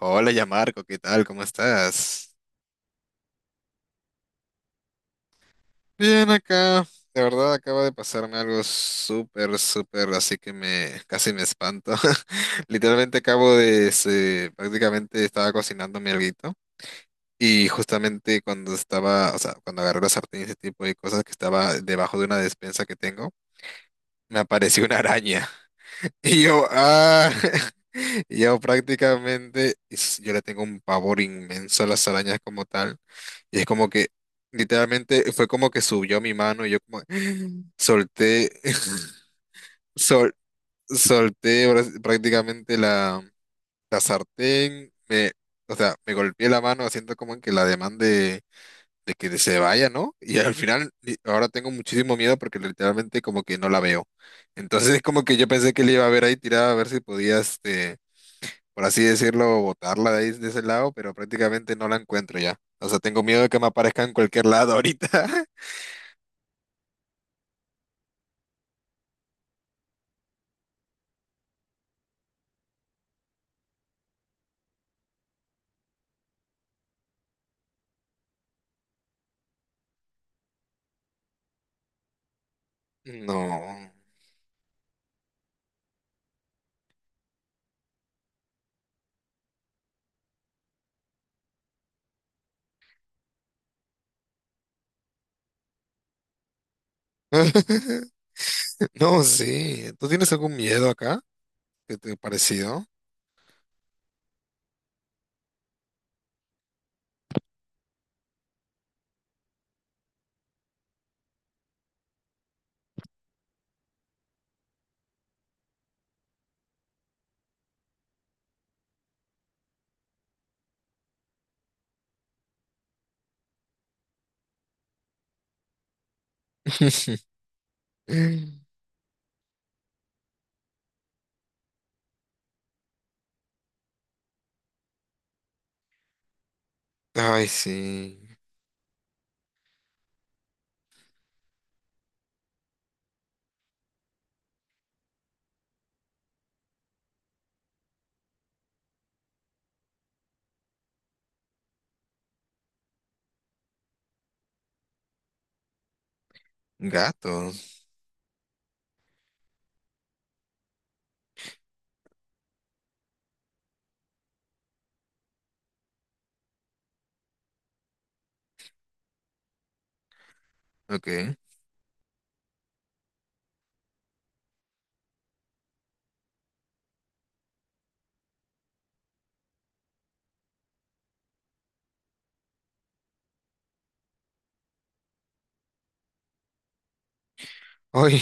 Hola, ya Marco, ¿qué tal? ¿Cómo estás? Bien acá. De verdad acaba de pasarme algo súper, súper, así que me casi me espanto. Literalmente prácticamente estaba cocinando mi alguito y justamente cuando estaba, o sea, cuando agarré la sartén y ese tipo de cosas que estaba debajo de una despensa que tengo, me apareció una araña. Y yo, ah. Yo prácticamente, yo le tengo un pavor inmenso a las arañas como tal. Y es como que, literalmente, fue como que subió a mi mano y yo como solté, sol- solté prácticamente la sartén. Me, o sea, me golpeé la mano haciendo como que la demanda de que se vaya, ¿no? Y al final, ahora tengo muchísimo miedo porque literalmente como que no la veo. Entonces, como que yo pensé que le iba a ver ahí tirada a ver si podía, este, por así decirlo, botarla de ahí, de ese lado, pero prácticamente no la encuentro ya. O sea, tengo miedo de que me aparezca en cualquier lado ahorita. No. No, sí. ¿Tú tienes algún miedo acá? ¿Qué te ha parecido? Ay, sí. Gatos. Ok. Ay,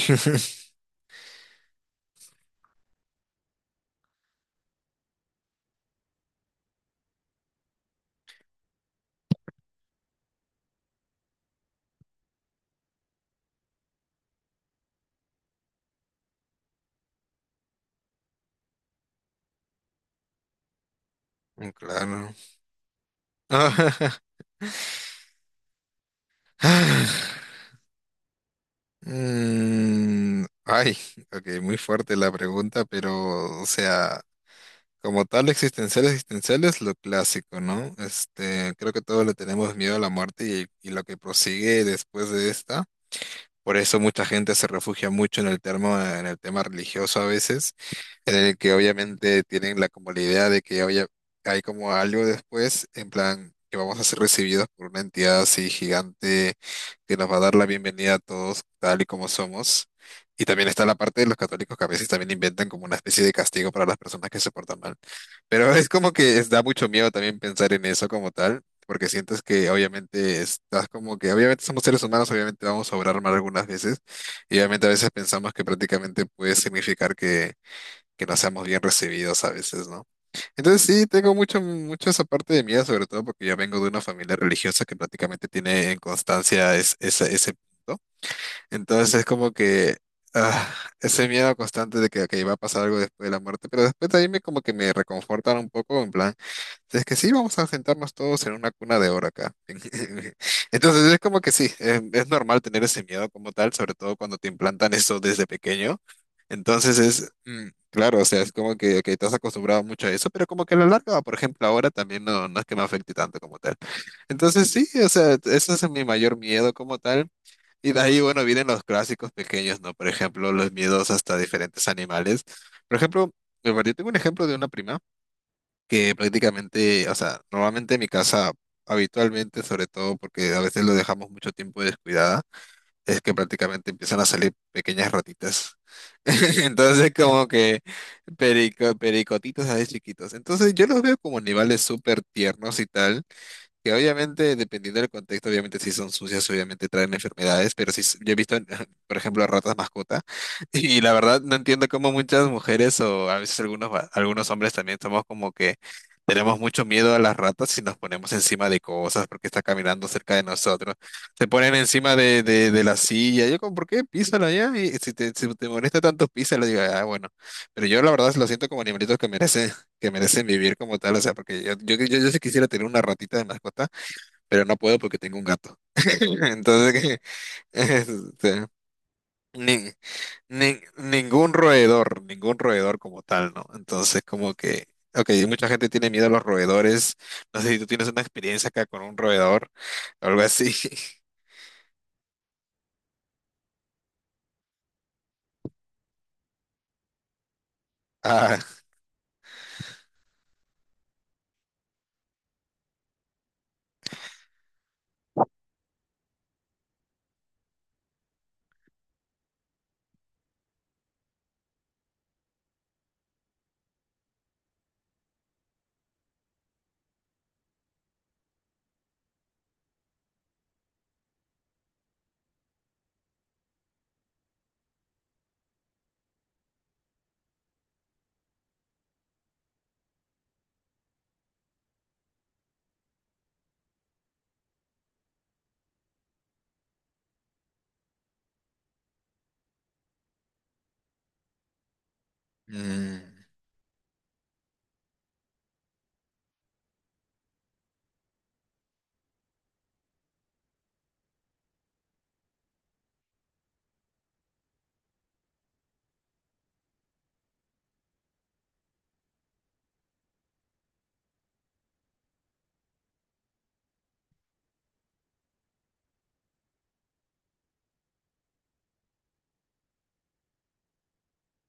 claro. Mm, ay, ok, muy fuerte la pregunta, pero, o sea. Como tal, existenciales existenciales lo clásico, ¿no? Este, creo que todos le tenemos miedo a la muerte y lo que prosigue después de esta. Por eso mucha gente se refugia mucho en el termo, en el tema religioso a veces en el que obviamente tienen la como la idea de que oye, hay como algo después, en plan que vamos a ser recibidos por una entidad así gigante que nos va a dar la bienvenida a todos tal y como somos. Y también está la parte de los católicos que a veces también inventan como una especie de castigo para las personas que se portan mal. Pero es como que da mucho miedo también pensar en eso como tal, porque sientes que obviamente estás como que, obviamente somos seres humanos, obviamente vamos a obrar mal algunas veces, y obviamente a veces pensamos que prácticamente puede significar que no seamos bien recibidos a veces, ¿no? Entonces sí, tengo mucho, mucho esa parte de miedo, sobre todo porque yo vengo de una familia religiosa que prácticamente tiene en constancia ese punto. Entonces es como que ah, ese miedo constante que va a pasar algo después de la muerte, pero después de ahí me como que me reconfortan un poco, en plan... Es que sí, vamos a sentarnos todos en una cuna de oro acá. Entonces es como que sí, es normal tener ese miedo como tal, sobre todo cuando te implantan eso desde pequeño. Entonces es, mm, claro, o sea, es como que te has acostumbrado mucho a eso, pero como que a la larga, por ejemplo, ahora también no, no es que me afecte tanto como tal. Entonces sí, o sea, ese es mi mayor miedo como tal. Y de ahí, bueno, vienen los clásicos pequeños, ¿no? Por ejemplo, los miedos hasta diferentes animales. Por ejemplo, yo tengo un ejemplo de una prima que prácticamente, o sea, normalmente en mi casa, habitualmente, sobre todo porque a veces lo dejamos mucho tiempo descuidada, es que prácticamente empiezan a salir pequeñas ratitas. Entonces, como que pericotitos así chiquitos. Entonces, yo los veo como animales súper tiernos y tal. Que obviamente, dependiendo del contexto, obviamente si son sucias, obviamente traen enfermedades, pero sí, yo he visto, por ejemplo, ratas mascota, y la verdad no entiendo cómo muchas mujeres o a veces algunos, algunos hombres también somos como que tenemos mucho miedo a las ratas y nos ponemos encima de cosas porque está caminando cerca de nosotros. Se ponen encima de la silla, yo como, ¿por qué? Písala ya, y si si te molesta tanto, písala, digo, ah, bueno, pero yo la verdad lo siento como animalitos que merecen vivir como tal, o sea, porque yo sí quisiera tener una ratita de mascota, pero no puedo porque tengo un gato. Entonces, que, este, ni- ningún roedor como tal, ¿no? Entonces, como que, ok, mucha gente tiene miedo a los roedores, no sé si tú tienes una experiencia acá con un roedor o algo así. Ah, mm,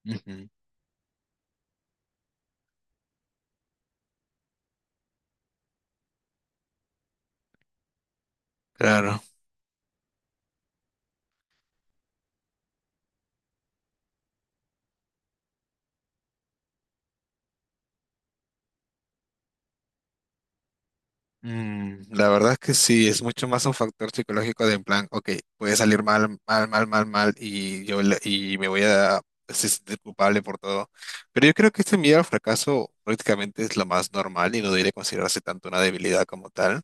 ujú, claro. Mm, la verdad es que sí, es mucho más un factor psicológico de en plan, ok, puede salir mal, mal, mal, mal, mal y y me voy a sentir culpable por todo. Pero yo creo que este miedo al fracaso prácticamente es lo más normal y no debería considerarse tanto una debilidad como tal.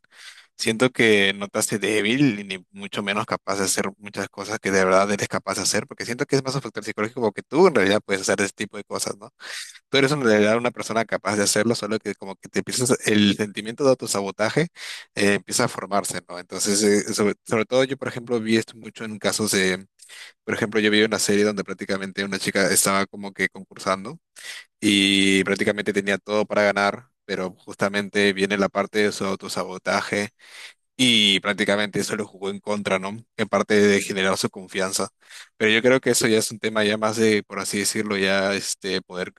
Siento que no te hace débil ni mucho menos capaz de hacer muchas cosas que de verdad eres capaz de hacer, porque siento que es más un factor psicológico porque tú en realidad puedes hacer ese tipo de cosas, ¿no? Tú eres en realidad una persona capaz de hacerlo, solo que como que te empiezas, el sentimiento de autosabotaje empieza a formarse, ¿no? Entonces, sobre, sobre todo yo, por ejemplo, vi esto mucho en casos de, por ejemplo, yo vi una serie donde prácticamente una chica estaba como que concursando y prácticamente tenía todo para ganar, pero justamente viene la parte de su autosabotaje y prácticamente eso lo jugó en contra, ¿no? En parte de generar su confianza. Pero yo creo que eso ya es un tema ya más de, por así decirlo, ya este poder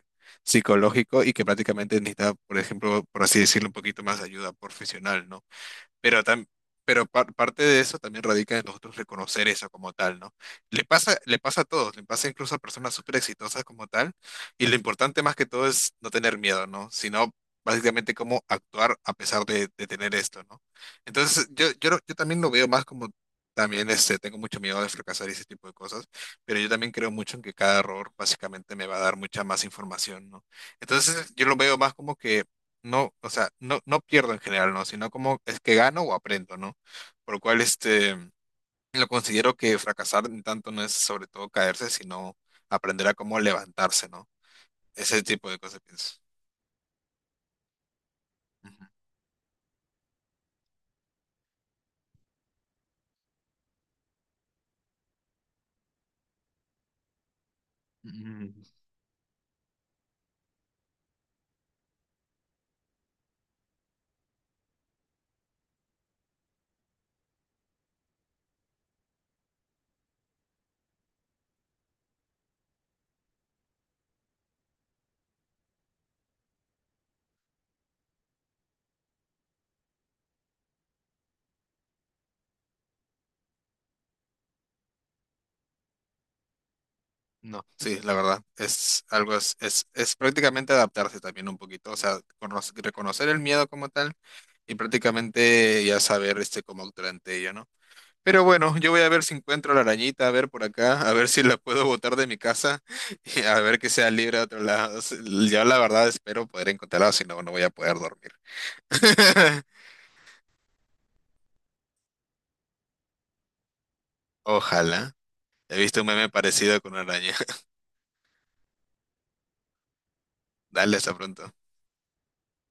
psicológico y que prácticamente necesita, por ejemplo, por así decirlo, un poquito más de ayuda profesional, ¿no? Pero, pero parte de eso también radica en nosotros reconocer eso como tal, ¿no? Le pasa a todos, le pasa incluso a personas súper exitosas como tal, y lo importante más que todo es no tener miedo, ¿no? Sino básicamente cómo actuar a pesar de tener esto, ¿no? Entonces, yo también lo veo más como, también este, tengo mucho miedo de fracasar y ese tipo de cosas, pero yo también creo mucho en que cada error básicamente me va a dar mucha más información, ¿no? Entonces, yo lo veo más como que no, o sea, no, no pierdo en general, ¿no? Sino como es que gano o aprendo, ¿no? Por lo cual, este, lo considero que fracasar en tanto no es sobre todo caerse, sino aprender a cómo levantarse, ¿no? Ese tipo de cosas pienso. Ujú. No, sí, la verdad, es algo, es prácticamente adaptarse también un poquito, o sea, reconocer el miedo como tal y prácticamente ya saber, este, cómo actuar ante ello, ¿no? Pero bueno, yo voy a ver si encuentro la arañita, a ver por acá, a ver si la puedo botar de mi casa y a ver que sea libre a otro lado. S- Yo la verdad espero poder encontrarla, si no, no voy a poder dormir. Ojalá. He visto un meme parecido con una araña. Dale, hasta pronto.